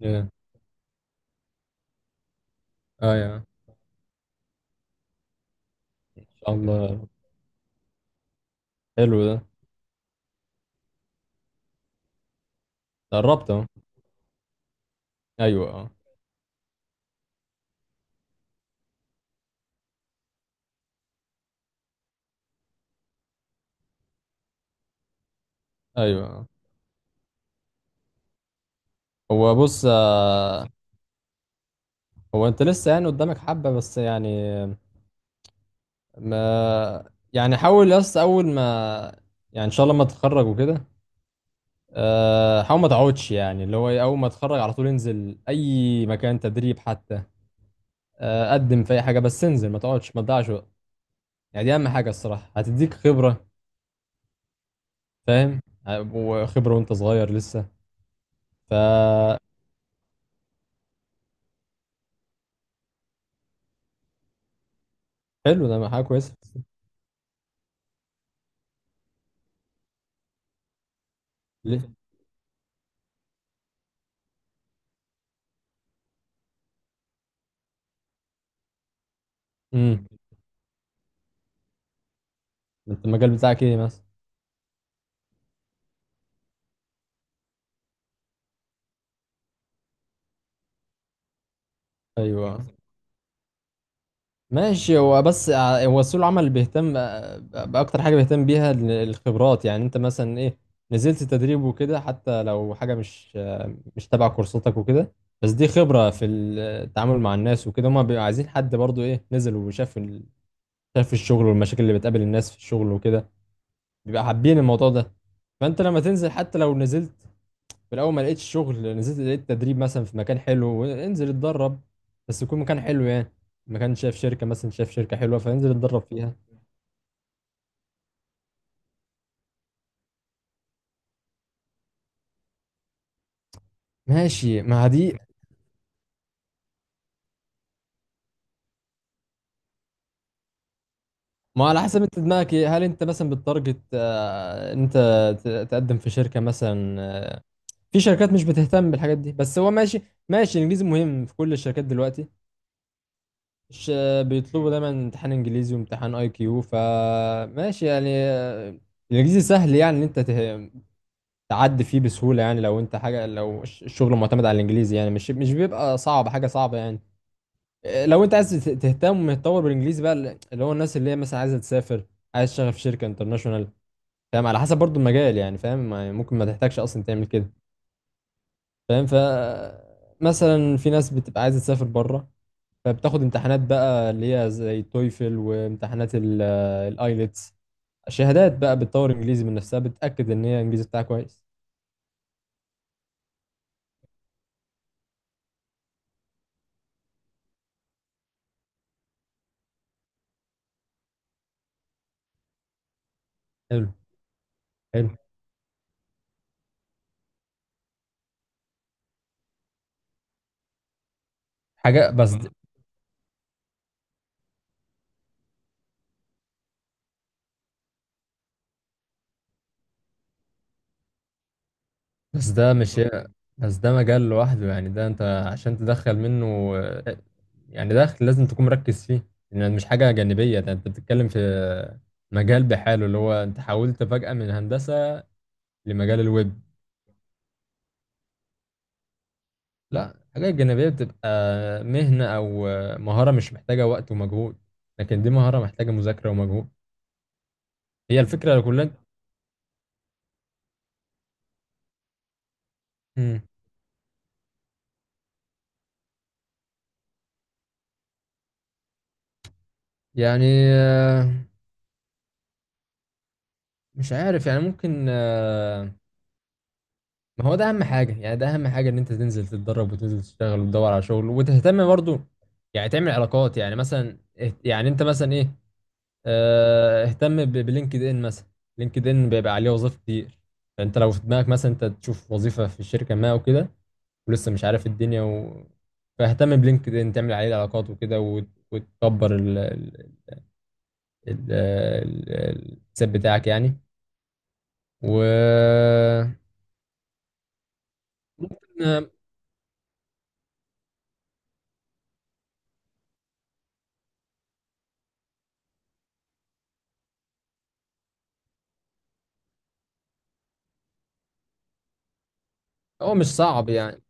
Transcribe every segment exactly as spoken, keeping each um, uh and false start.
يا اه يا ان شاء الله. حلو ده، قربت اهو. ايوه اه. ايوه اه. هو بص، آه، هو انت لسه يعني قدامك حبه بس يعني، ما يعني حاول، بس اول ما يعني ان شاء الله ما تتخرج وكده، آه، حاول ما تقعدش. يعني اللي هو إيه، اول ما تتخرج على طول انزل اي مكان تدريب حتى. آه، قدم في اي حاجه، بس انزل، ما تقعدش، ما تضيعش وقت. يعني دي اهم حاجه الصراحه، هتديك خبره، فاهم؟ آه، وخبره وانت صغير لسه. ف حلو ده، حاجه كويسه. ليه؟ امم انت المجال بتاعك ايه مثلا؟ ايوه ماشي. هو بس ع- هو سوق العمل اللي بيهتم، آه، باكتر حاجه بيهتم بيها ال- الخبرات. يعني انت مثلا ايه، نزلت تدريب وكده، حتى لو حاجه مش آه، مش تبع كورساتك وكده، بس دي خبره في التعامل مع الناس وكده. هما بيبقوا عايزين حد برضو ايه، نزل وشاف ال- شاف الشغل والمشاكل اللي بتقابل الناس في الشغل وكده، بيبقى حابين الموضوع ده. فانت لما تنزل حتى لو نزلت في الاول، ما لقيتش شغل، نزلت لقيت تدريب مثلا في مكان حلو، انزل اتدرب، بس يكون مكان حلو يعني. مكان شايف شركه مثلا، شايف شركه حلوه، فانزل اتدرب فيها. ماشي. ما دي ما على حسب انت دماغك ايه، هل انت مثلا بالتارجت؟ آه، انت ت- تقدم في شركه مثلا، آه، في شركات مش بتهتم بالحاجات دي، بس هو ماشي. ماشي، الانجليزي مهم في كل الشركات دلوقتي. مش آه، بيطلبوا دايما امتحان انجليزي وامتحان اي كيو. فماشي يعني. آه، الانجليزي سهل، يعني ان انت ته... تعدي فيه بسهولة. يعني لو انت حاجة، لو الش- الشغل معتمد على الانجليزي، يعني مش مش بيبقى صعب، حاجة صعبة يعني. إيه، لو انت عايز ت- تهتم وتطور بالانجليزي بقى، اللي هو الناس اللي هي مثلا عايزة تسافر، عايز تشتغل في شركة انترناشونال. فاهم؟ على حسب برضو المجال يعني. فاهم؟ يعني ممكن ما تحتاجش اصلا تعمل كده. فاهم؟ ف مثلا في ناس بتبقى عايزة تسافر بره، فبتاخد امتحانات بقى اللي هي زي تويفل وامتحانات الايلتس، شهادات بقى، بتطور انجليزي من نفسها، بتأكد ان هي الانجليزي بتاعها كويس. حلو. حلو. حاجة بس، بس ده مش، بس ده مجال لوحده. يعني ده انت عشان تدخل منه آه، يعني دخل، لازم تكون مركز فيه، لان مش حاجة جانبية. ده انت بتتكلم في مجال بحاله، اللي هو انت حولت فجأة من هندسة لمجال الويب. لا، الحاجات الجانبية بتبقى مهنة او آه، مهارة مش محتاجة وقت ومجهود، لكن دي مهارة محتاجة مذاكرة ومجهود. هي الفكرة كلها. مم. يعني آه، مش عارف يعني، ممكن، ما هو ده اهم حاجه. يعني ده اهم حاجه، ان انت تنزل تتدرب وتنزل تشتغل وتدور على شغل وتهتم برضو، يعني تعمل علاقات. يعني مثلا اهت- يعني انت مثلا ايه، آه، اهتم ب- بلينكد ان مثلا. لينكد ان بيبقى عليه وظائف كتير، فانت لو في دماغك مثلا انت تشوف وظيفه في الشركه ما وكده، ولسه مش عارف الدنيا و... فاهتم بلينكد ان، تعمل عليه علاقات وكده، وت- وتكبر ال... ال... ال... ال- الحساب بتاعك يعني. و ممكن. آه، هو مش صعب يعني.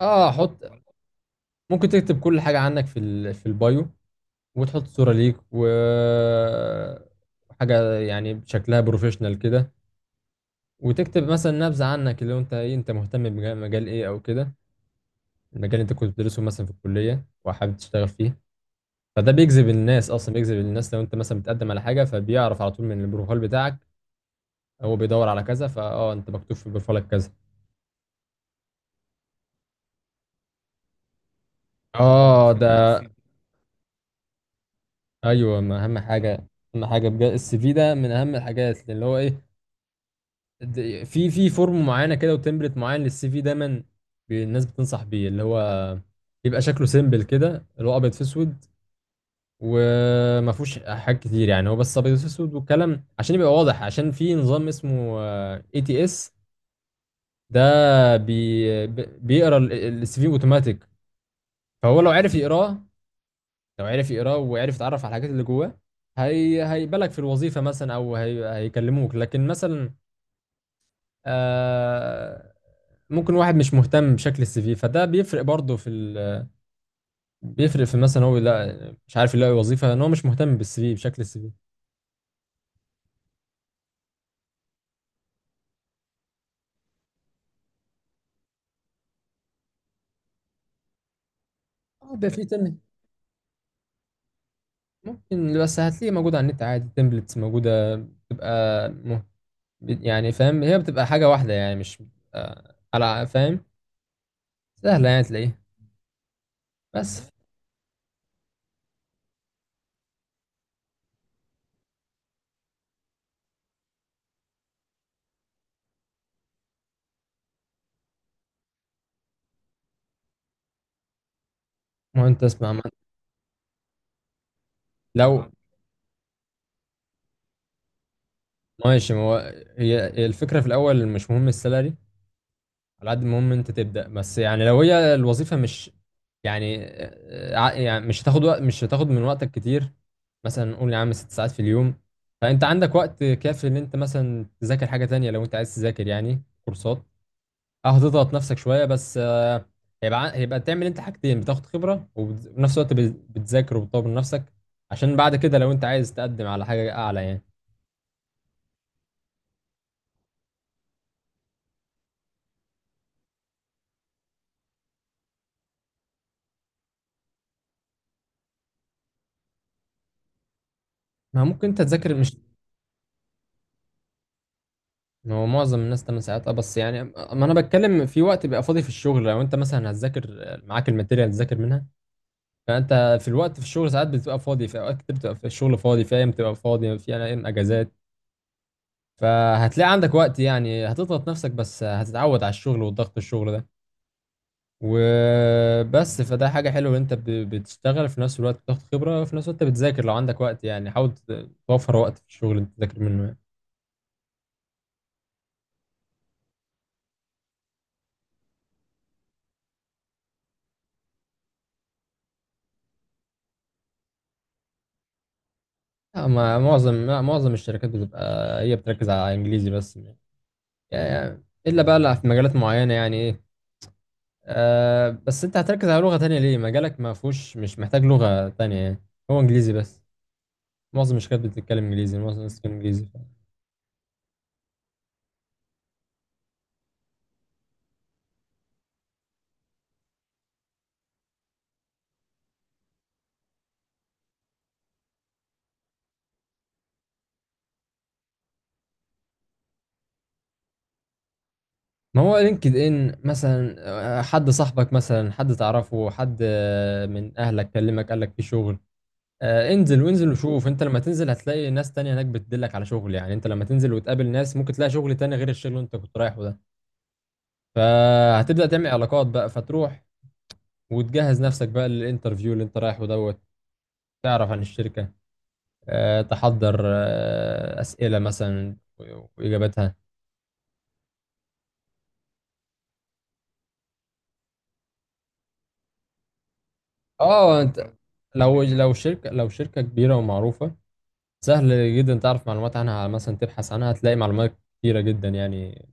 اه حط، ممكن تكتب كل حاجة عنك في ال... في البايو، وتحط صورة ليك و حاجة يعني شكلها بروفيشنال كده، وتكتب مثلا نبذة عنك، اللي هو انت ايه، انت مهتم بمجال، مجال ايه او كده، المجال اللي انت كنت بتدرسه مثلا في الكلية وحابب تشتغل فيه. فده بيجذب الناس، اصلا بيجذب الناس. لو انت مثلا بتقدم على حاجة، فبيعرف على طول من البروفايل بتاعك، هو بيدور على كذا، فاه انت مكتوب في بروفايلك كذا. اه ده، ايوه. ما اهم حاجة، اهم حاجة بجد، السي في ده من اهم الحاجات. اللي هو ايه، د- في في فورم معينه كده وتمبلت معين للسي في دايما، بي- الناس بتنصح بيه، اللي هو يبقى شكله سيمبل كده، اللي هو ابيض في اسود وما فيهوش حاجات كتير. يعني هو بس ابيض في اسود والكلام، عشان يبقى واضح، عشان في نظام اسمه اي تي اس، ده بي بي- بيقرا السي في اوتوماتيك. فهو لو عرف يقراه، لو عرف يقراه وعرف يتعرف على الحاجات اللي جواه، هي هيبالغ في الوظيفه مثلا، او هي هيكلموك. لكن مثلا آه، ممكن واحد مش مهتم بشكل السي في، فده بيفرق برضه في ال... بيفرق في، مثلا هو لا مش عارف يلاقي وظيفه، ان هو مش مهتم بالسي في، بشكل السي في. اه بيبقى في تم، ممكن، بس هتلاقيه موجود على النت عادي، تمبلتس موجوده، بتبقى مه... يعني فاهم، هي بتبقى حاجه واحده يعني، مش بتبقى على، فاهم، سهله يعني تلاقيه. بس ما هو انت اسمع ما... لو، ماشي. ما هو هي هي الفكره في الاول مش مهم السالري، على قد المهم انت تبدأ بس. يعني لو هي الوظيفة مش يعني، آه، ع- يعني مش هتاخد وقت، مش هتاخد من وقتك كتير، مثلا نقول يا عم ست ساعات في اليوم، فانت عندك وقت كافي ان انت مثلا تذاكر حاجة تانية، لو انت عايز تذاكر يعني كورسات. اه هتضغط نفسك شوية بس، آه، هيبقى ع- هيبقى تعمل انت حاجتين، بتاخد خبرة وبت- وفي نفس الوقت بت- بتذاكر وبتطور من نفسك، عشان بعد كده لو انت عايز تقدم على حاجة اعلى يعني. ما ممكن انت تذاكر. مش هو معظم الناس تمن ساعات؟ اه بس يعني ما انا بتكلم في وقت بيبقى فاضي في الشغل، لو انت مثلا هتذاكر، آه، معاك الماتيريال تذاكر منها. فانت في الوقت في الشغل ساعات بتبقى فاضي، في اوقات كتير بتبقى في الشغل فاضي، في ايام بتبقى فاضي، في ايام اجازات، فهتلاقي عندك وقت. يعني هتضغط نفسك بس هتتعود على الشغل والضغط، الشغل ده وبس. فده حاجة حلوة، ان انت ب- بتشتغل، في نفس الوقت بتاخد خبرة، في نفس الوقت بتذاكر لو عندك وقت يعني. حاول ت- توفر وقت في الشغل انت تذاكر منه يعني. لا، ما معظم، لا، معظم الشركات بتبقى هي بتركز على انجليزي بس، يعني الا بقى اللي في مجالات معينه. يعني ايه آه بس انت هتركز على لغه تانية ليه؟ مجالك ما فيهوش، مش محتاج لغه تانية يعني، هو انجليزي بس. معظم الشركات بتتكلم انجليزي، معظم الناس بتتكلم انجليزي. ما هو لينكد ان مثلا، آه، حد صاحبك مثلا، حد تعرفه، حد آه، من اهلك كلمك قال لك في شغل، آه انزل. وانزل وشوف، انت لما تنزل هتلاقي ناس تانية هناك بتدلك على شغل، يعني انت لما تنزل وتقابل ناس ممكن تلاقي شغل تاني غير الشغل اللي انت كنت رايحه ده، فهتبدأ تعمل علاقات بقى. فتروح وتجهز نفسك بقى للانترفيو اللي انت رايحه دوت، تعرف عن الشركة، آه، تحضر آه، أسئلة مثلا و- وإجاباتها. اه انت لو لو شركة، لو شركة كبيرة ومعروفة، سهل جدا تعرف معلومات عنها، مثلا تبحث عنها هتلاقي معلومات كتيرة جدا. يعني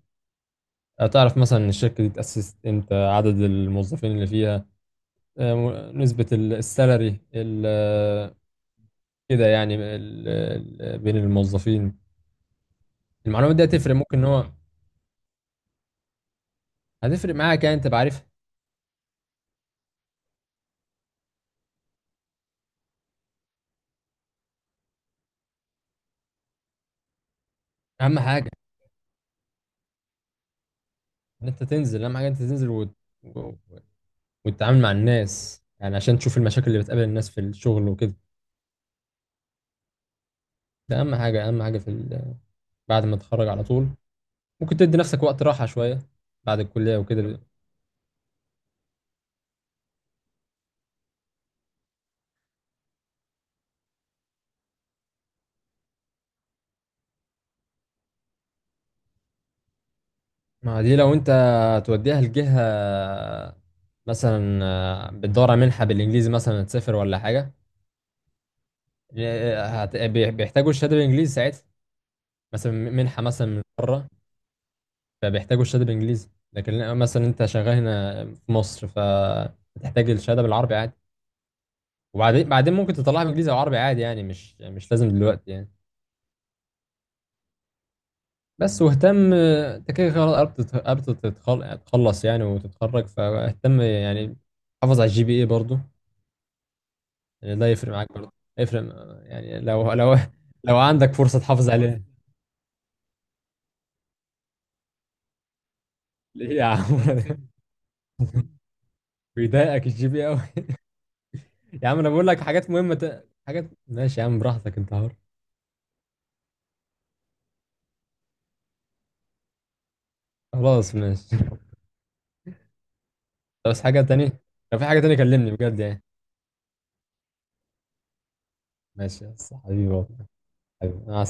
تعرف مثلا الشركة دي اتأسست امتى، عدد الموظفين اللي فيها، آه، م- نسبة ال- السالري، ال- آه، كده يعني ال- ال- بين الموظفين. المعلومات دي هتفرق، ممكن ان هو هتفرق معاك يعني، انت بعرف. اهم حاجه ان انت تنزل، اهم حاجه انت تنزل وت... و- وتتعامل مع الناس، يعني عشان تشوف المشاكل اللي بتقابل الناس في الشغل وكده. ده اهم حاجه، اهم حاجه في ال... بعد ما تتخرج على طول. ممكن تدي نفسك وقت راحه شويه بعد الكليه وكده. ما دي لو انت توديها لجهه مثلا، آه، بتدور على منحه بالانجليزي مثلا، تسافر ولا حاجه، آه، هت... بي- بيحتاجوا الشهاده بالانجليزي ساعتها، مثلا منحه مثلا من بره، فبيحتاجوا الشهاده بالانجليزي. لكن لا، مثلا انت شغال هنا في مصر، فتحتاج الشهاده بالعربي عادي، وبعدين بعدين ممكن تطلعها بالانجليزي او عربي عادي يعني، مش مش لازم دلوقتي يعني. بس واهتم، آه، انت كده خلاص قربت تت- قربت تتخل- تخلص يعني وتتخرج، فاهتم يعني، حافظ على الجي بي اي برضه، يعني ده يفرق معاك برضه، يفرق. آه، يعني لو لو لو عندك فرصه تحافظ عليها. ليه يا عم؟ بيضايقك الجي بي قوي؟ يا عم انا بقول لك حاجات مهمه ت... حاجات، ماشي يا عم براحتك، انت حر. خلاص ماشي، بس حاجة تانية، لو في حاجة تانية كلمني بجد يعني. ماشي بس، حبيبي والله. حبيبي أنا.